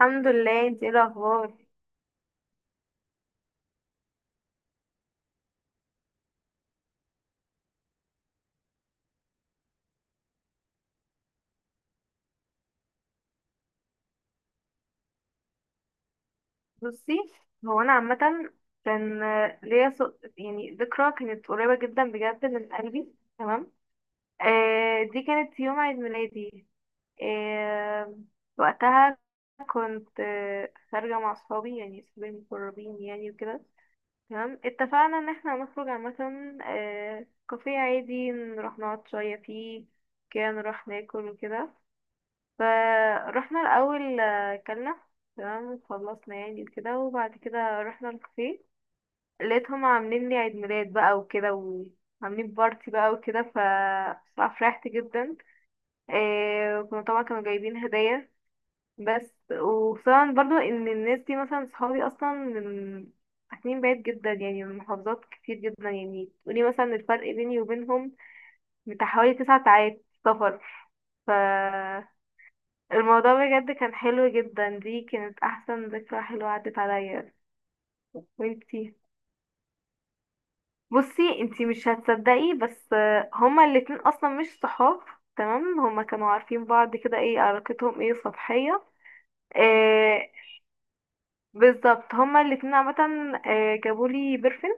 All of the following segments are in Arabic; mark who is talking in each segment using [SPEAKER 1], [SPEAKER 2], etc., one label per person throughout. [SPEAKER 1] الحمد لله، انت ايه الاخبار؟ بصي، هو انا عامه، كان يعني ذكرى كانت قريبه جدا بجد من قلبي. تمام. دي كانت يوم عيد ميلادي. آه وقتها كنت خارجه مع اصحابي، يعني اصحابي المقربين، يعني وكده. تمام، اتفقنا ان احنا هنخرج عامه. كافيه عادي نروح نقعد شويه فيه، كده نروح ناكل وكده. فروحنا الأول، كلنا. تمام، خلصنا يعني كده، وبعد كده رحنا الكافيه. لقيتهم عاملين لي عيد ميلاد بقى وكده، وعاملين بارتي بقى وكده. بصراحة فرحت جدا. إيه، وكانوا طبعا كانوا جايبين هدايا، بس وطبعا برضو ان الناس دي مثلا صحابي اصلا من ساكنين بعيد جدا، يعني من محافظات كتير جدا، يعني تقولي مثلا الفرق بيني وبينهم بتاع حوالي 9 ساعات سفر. ف الموضوع بجد كان حلو جدا، دي كانت احسن ذكرى حلوة عدت عليا. وانتي؟ بصي، انتي مش هتصدقي بس هما الاتنين اصلا مش صحاب. تمام، هما كانوا عارفين بعض كده، ايه علاقتهم، ايه سطحية. آه بالظبط، هما الاتنين عامة. جابولي برفن.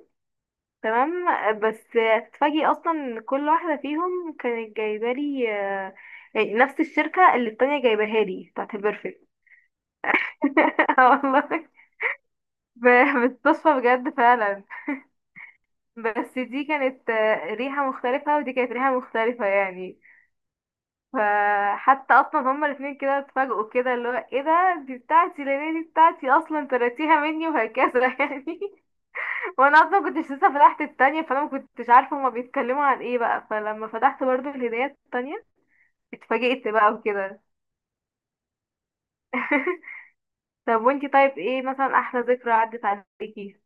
[SPEAKER 1] تمام، بس تفاجئي اصلا ان كل واحدة فيهم كانت جايبالي، يعني نفس الشركة اللي التانية جايباها لي بتاعت البرفن. والله، بتصفى بجد فعلا. بس دي كانت ريحة مختلفة، ودي كانت ريحة مختلفة، يعني. فحتى اصلا هما الاتنين كده اتفاجئوا، كده اللي هو ايه ده، دي بتاعتي لان دي بتاعتي اصلا تراتيها مني وهكذا يعني. وانا اصلا مكنتش لسه فتحت التانية، فانا مكنتش عارفة هما بيتكلموا عن ايه بقى. فلما فتحت برضو الهدايا التانية، اتفاجئت بقى وكده. طب وانتي، طيب ايه مثلا احلى ذكرى عدت عليكي؟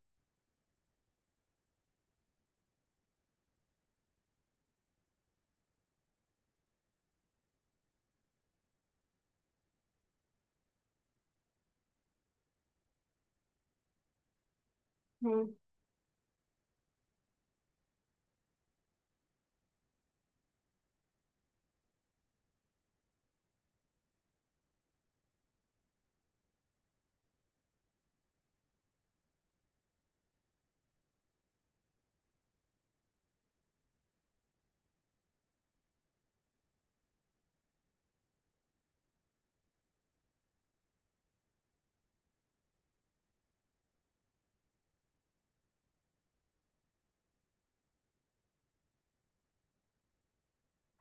[SPEAKER 1] مم.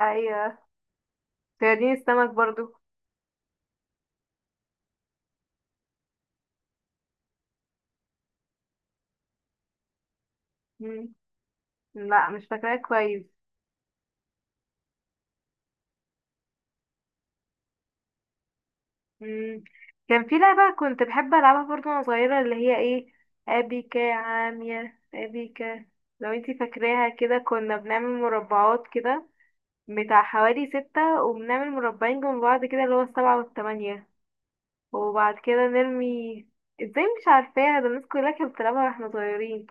[SPEAKER 1] ايوه، صيادين السمك برضو. مم. لا، مش فاكراها كويس. مم. كان في لعبة كنت بحب ألعبها برضو وأنا صغيرة، اللي هي ايه، أبيكا، يا عامية أبيكا. لو انتي فاكراها، كده كنا بنعمل مربعات كده بتاع حوالي ستة، وبنعمل مربعين جنب بعض كده اللي هو السبعة والتمانية. وبعد كده نرمي. ازاي مش عارفاها؟ ده الناس كلها كانت بتلعبها واحنا صغيرين.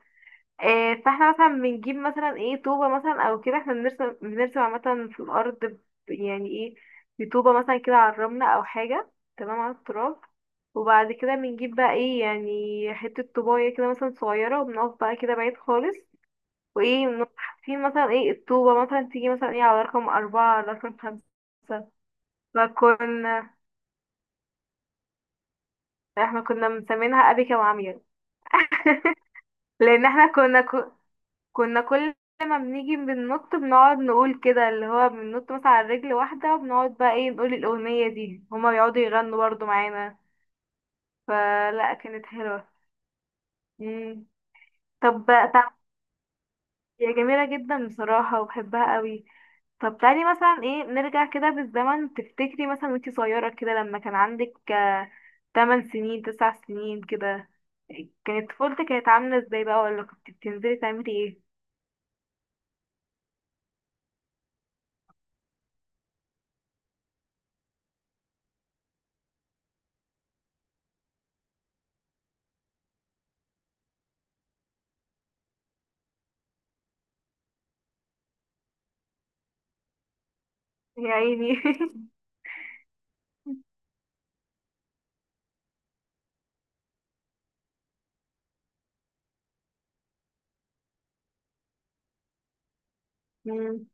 [SPEAKER 1] فاحنا مثلا بنجيب مثلا ايه طوبة مثلا او كده، احنا بنرسم عامة في الأرض، يعني ايه، بطوبة مثلا كده على الرملة أو حاجة. تمام، على التراب. وبعد كده بنجيب بقى ايه، يعني حتة طوباية كده مثلا صغيرة، وبنقف بقى كده بعيد خالص. وايه، بنقف حاطين مثلا ايه الطوبة مثلا تيجي مثلا ايه على رقم أربعة، على رقم خمسة. فكنا احنا كنا مسمينها أبيكا وعمية. لأن احنا كنا كل ما بنيجي بننط، بنقعد نقول كده اللي هو بننط مثلا على رجل واحدة، وبنقعد بقى ايه نقول الأغنية دي، هما بيقعدوا يغنوا برضو معانا. فلا، كانت حلوة. مم. طب طب، هي جميلة جدا بصراحة وبحبها قوي. طب، تعالي مثلا ايه نرجع كده بالزمن. تفتكري مثلا وانتي صغيرة كده لما كان عندك 8 سنين، 9 سنين كده، كانت طفولتك كانت عاملة ازاي بقى؟ ولا كنت بتنزلي تعملي ايه؟ يا عيني. مم.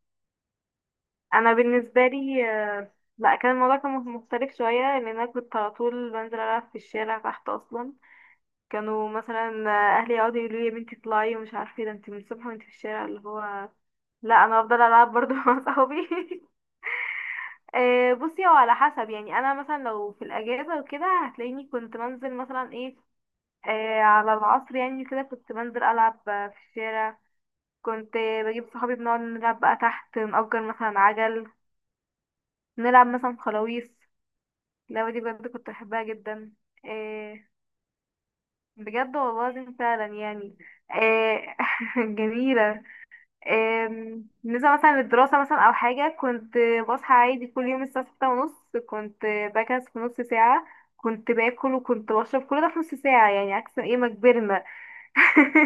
[SPEAKER 1] انا بالنسبه لي، لا كان الموضوع كان مختلف شويه، لان انا كنت على طول بنزل العب في الشارع تحت اصلا. كانوا مثلا، اهلي يقعدوا يقولوا لي: يا بنتي اطلعي ومش عارفه إيه، ده انت من الصبح وانت في الشارع، اللي هو. لا، انا هفضل العب برضو مع صحابي. بصي، هو على حسب. يعني انا مثلا لو في الاجازه وكده هتلاقيني كنت بنزل مثلا ايه، على العصر، يعني كده كنت بنزل العب في الشارع. كنت بجيب صحابي بنقعد نلعب بقى تحت، نأجر مثلا عجل. نلعب مثلا خلاويص. اللعبة دي بجد كنت بحبها جدا. إيه، بجد والله العظيم فعلا يعني. إيه جميلة. إيه، بالنسبة مثلا للدراسة مثلا أو حاجة، كنت بصحى عادي كل يوم الساعة 6:30. كنت بجهز في نص ساعة. كنت باكل وكنت بشرب كل ده في نص ساعة، يعني عكس ايه ما كبرنا.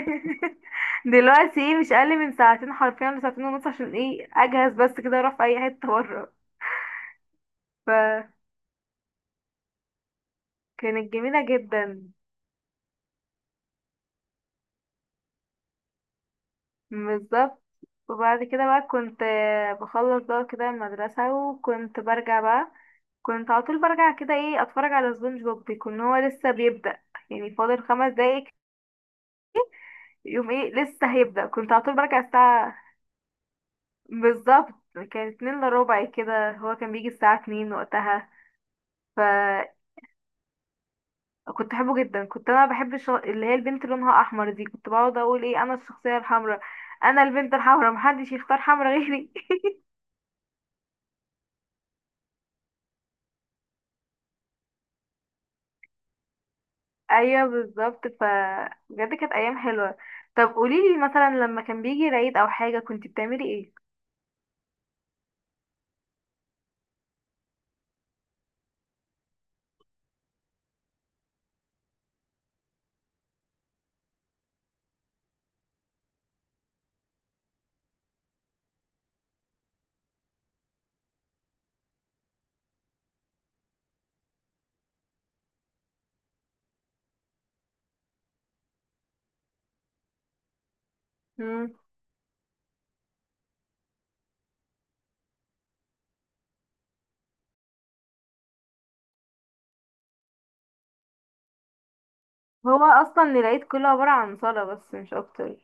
[SPEAKER 1] دلوقتي ايه مش أقل من ساعتين، حرفيا لساعتين ونص، عشان ايه أجهز بس كده أروح في أي حتة بره. فكانت جميلة جدا، بالظبط. وبعد كده بقى كنت بخلص بقى كده المدرسة، وكنت برجع بقى. كنت على طول برجع، كده ايه، اتفرج على سبونج بوب. بيكون هو لسه بيبدأ، يعني فاضل 5 دقايق. يوم ايه لسه هيبدأ. كنت على طول برجع الساعة، بالظبط كان 1:45 كده، هو كان بيجي الساعة اتنين وقتها. فكنت بحبه جدا. كنت انا بحب اللي هي البنت اللي لونها احمر دي، كنت بقعد اقول ايه: انا الشخصية الحمراء، انا البنت الحمراء، محدش يختار حمراء غيري. ايوه، بالظبط. بجد كانت ايام حلوه. طب، قوليلي مثلا لما كان بيجي العيد او حاجه كنت بتعملي ايه؟ مم. هو اصلا العيد كله عباره عن صلاه بس، مش اكتر.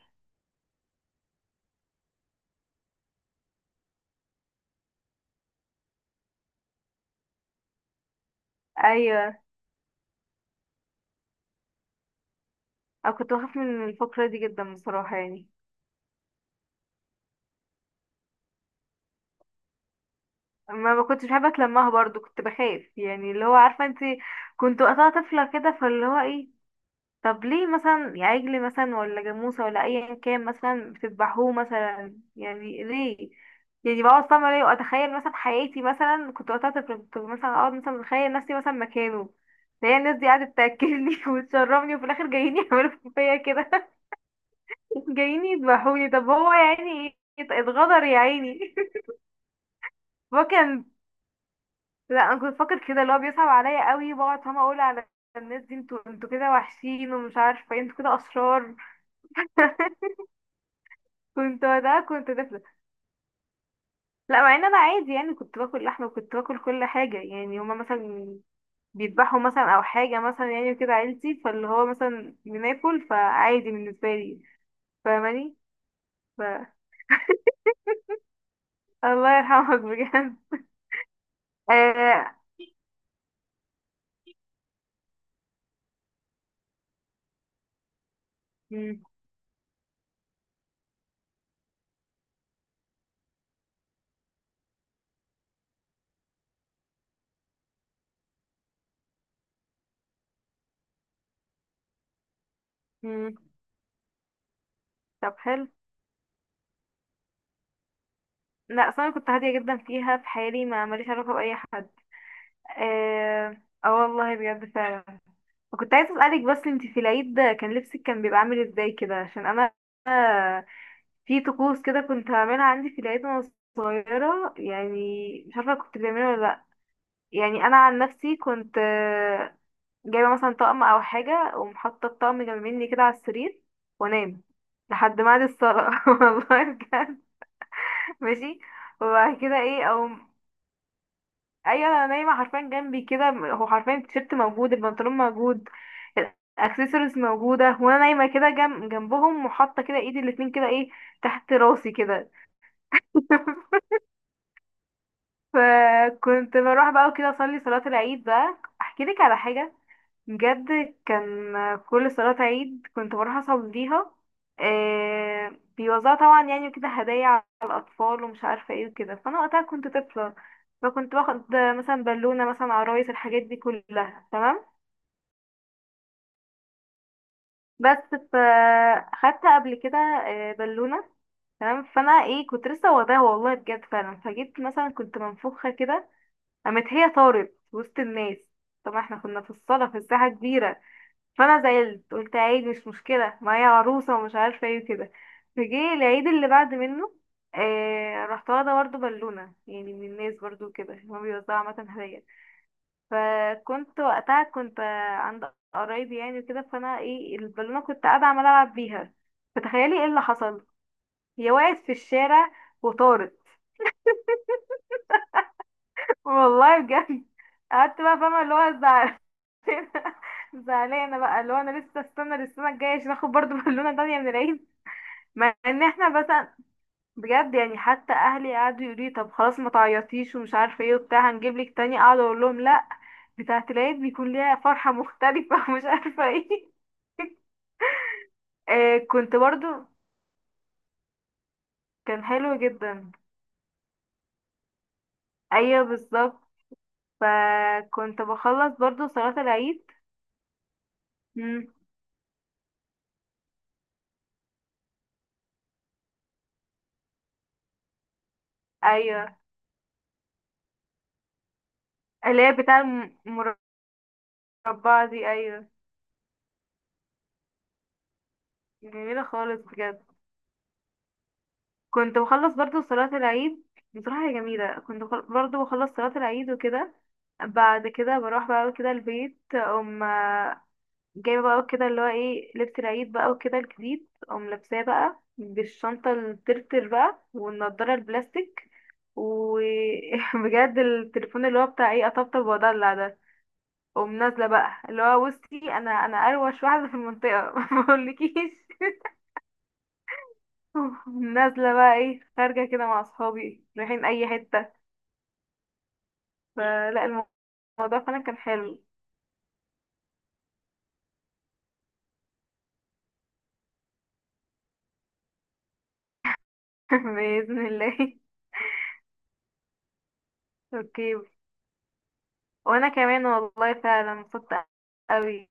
[SPEAKER 1] ايوه، انا كنت بخاف من الفقره دي جدا بصراحه يعني. ما كنتش بحب اتلمها برضو، كنت بخاف يعني، اللي هو عارفه انت. كنت وقتها طفله كده، فاللي هو ايه. طب ليه مثلا يا عجل مثلا، ولا جاموسة، ولا أيا كان مثلا بتذبحوه مثلا، يعني ليه؟ يعني بقعد فاهمة ليه وأتخيل مثلا حياتي، مثلا كنت وقتها طفلة، كنت مثلا أقعد مثلا متخيل نفسي مثلا مكانه. هي الناس دي قاعدة تأكلني وتشربني، وفي الآخر جايين يعملوا فيا كده جايين يذبحوني. طب هو يعني اتغدر، يا عيني. هو كان. لا، أنا كنت فاكر كده اللي هو بيصعب عليا قوي. بقعد فاهمة أقول على الناس دي: انتوا كده وحشين ومش عارفة ايه، انتوا كده أشرار. كنت وقتها كنت طفلة. لا، مع ان انا عادي يعني، كنت باكل لحمه وكنت باكل كل حاجه. يعني هما مثلا بيذبحوا مثلا او حاجه مثلا يعني كده عيلتي، فاللي هو مثلا بناكل، فعادي بالنسبه لي. فاهماني. ف... الله يرحمك بجد. آه... مم، مم. طب، حلو. لا، اصل انا كنت هاديه جدا فيها، في حالي، ما ماليش علاقه باي حد. اه، آه والله بجد فعلا. وكنت عايزه اسالك بس، انت في العيد كان لبسك كان بيبقى عامل ازاي كده؟ عشان انا في طقوس كده كنت هعملها عندي في العيد وانا صغيرة، يعني مش عارفة كنت بتعملها ولا لأ. يعني أنا عن نفسي كنت جايبة مثلا طقم أو حاجة، ومحطة الطقم جنب مني كده على السرير. وأنام لحد ميعاد الصلاة. والله بجد. ماشي. وبعد كده ايه، أو أيوة، أنا نايمة حرفيا جنبي كده، هو حرفيا التيشيرت موجود، البنطلون موجود، الاكسسوارز موجودة، وأنا نايمة كده جنب جنبهم، وحاطة كده ايدي الاتنين كده ايه تحت راسي كده. فكنت بروح بقى وكده اصلي صلاة العيد بقى. احكي لك على حاجة بجد. كان كل صلاة عيد كنت بروح اصليها، آه، بيوزعوا طبعا يعني وكده هدايا على الاطفال ومش عارفة ايه وكده. فانا وقتها كنت طفلة، فكنت باخد مثلا بالونة، مثلا عرايس، الحاجات دي كلها. تمام، بس فاخدت قبل كده بالونة. تمام، فانا ايه كنت لسه واخداها، والله بجد فعلا. فجيت مثلا كنت منفوخة كده، قامت هي طارت وسط الناس. طبعا احنا كنا في الساحة كبيرة. فأنا زعلت، قلت عادي مش مشكلة، ما هي عروسة ومش عارفة ايه وكده. فجه العيد اللي بعد منه، رحت واخدة برضه بالونة، يعني من الناس برضه، كده هما بيوزعوا عامة هدايا. فكنت وقتها كنت عند قرايبي يعني وكده. فأنا ايه البالونة كنت قاعدة عمالة ألعب بيها. فتخيلي ايه اللي حصل. هي وقعت في الشارع وطارت. والله بجد. قعدت بقى فاهمة اللي هو ازعل، زعلانه بقى، اللي هو انا لسه استنى للسنه الجايه عشان اخد برضه بالونه تانية من العيد. مع ان احنا مثلا، بجد يعني حتى اهلي قعدوا يقولوا لي: طب خلاص، ما تعيطيش ومش عارفه ايه وبتاع، هنجيب لك تاني. اقعد اقول لهم: لا، بتاعه العيد بيكون ليها فرحه مختلفه ومش عارفه ايه. كنت برضو، كان حلو جدا. ايوه، بالظبط. فكنت بخلص برضو صلاه العيد. مم. ايوه، اللي هي بتاع المربعه دي، ايوه. جميله خالص بجد. كنت بخلص برضو صلاة العيد، بصراحة هي جميلة. كنت برضو بخلص صلاة العيد وكده. بعد كده بروح بقى كده البيت، أقوم جايبة بقى كده اللي هو ايه لبس العيد بقى وكده الجديد، أقوم لابساه بقى بالشنطة الترتر بقى والنضارة البلاستيك. وبجد التليفون اللي هو بتاع ايه أطبطب وأدلع ده. أقوم نازلة بقى اللي هو بصي، أنا أروش واحدة في المنطقة، ما أقولكيش. نازلة بقى ايه، خارجة كده مع أصحابي، رايحين أي حتة. فلا، الموضوع فعلا كان حلو. بإذن الله. اوكي، وانا كمان والله فعلا انبسطت قوي.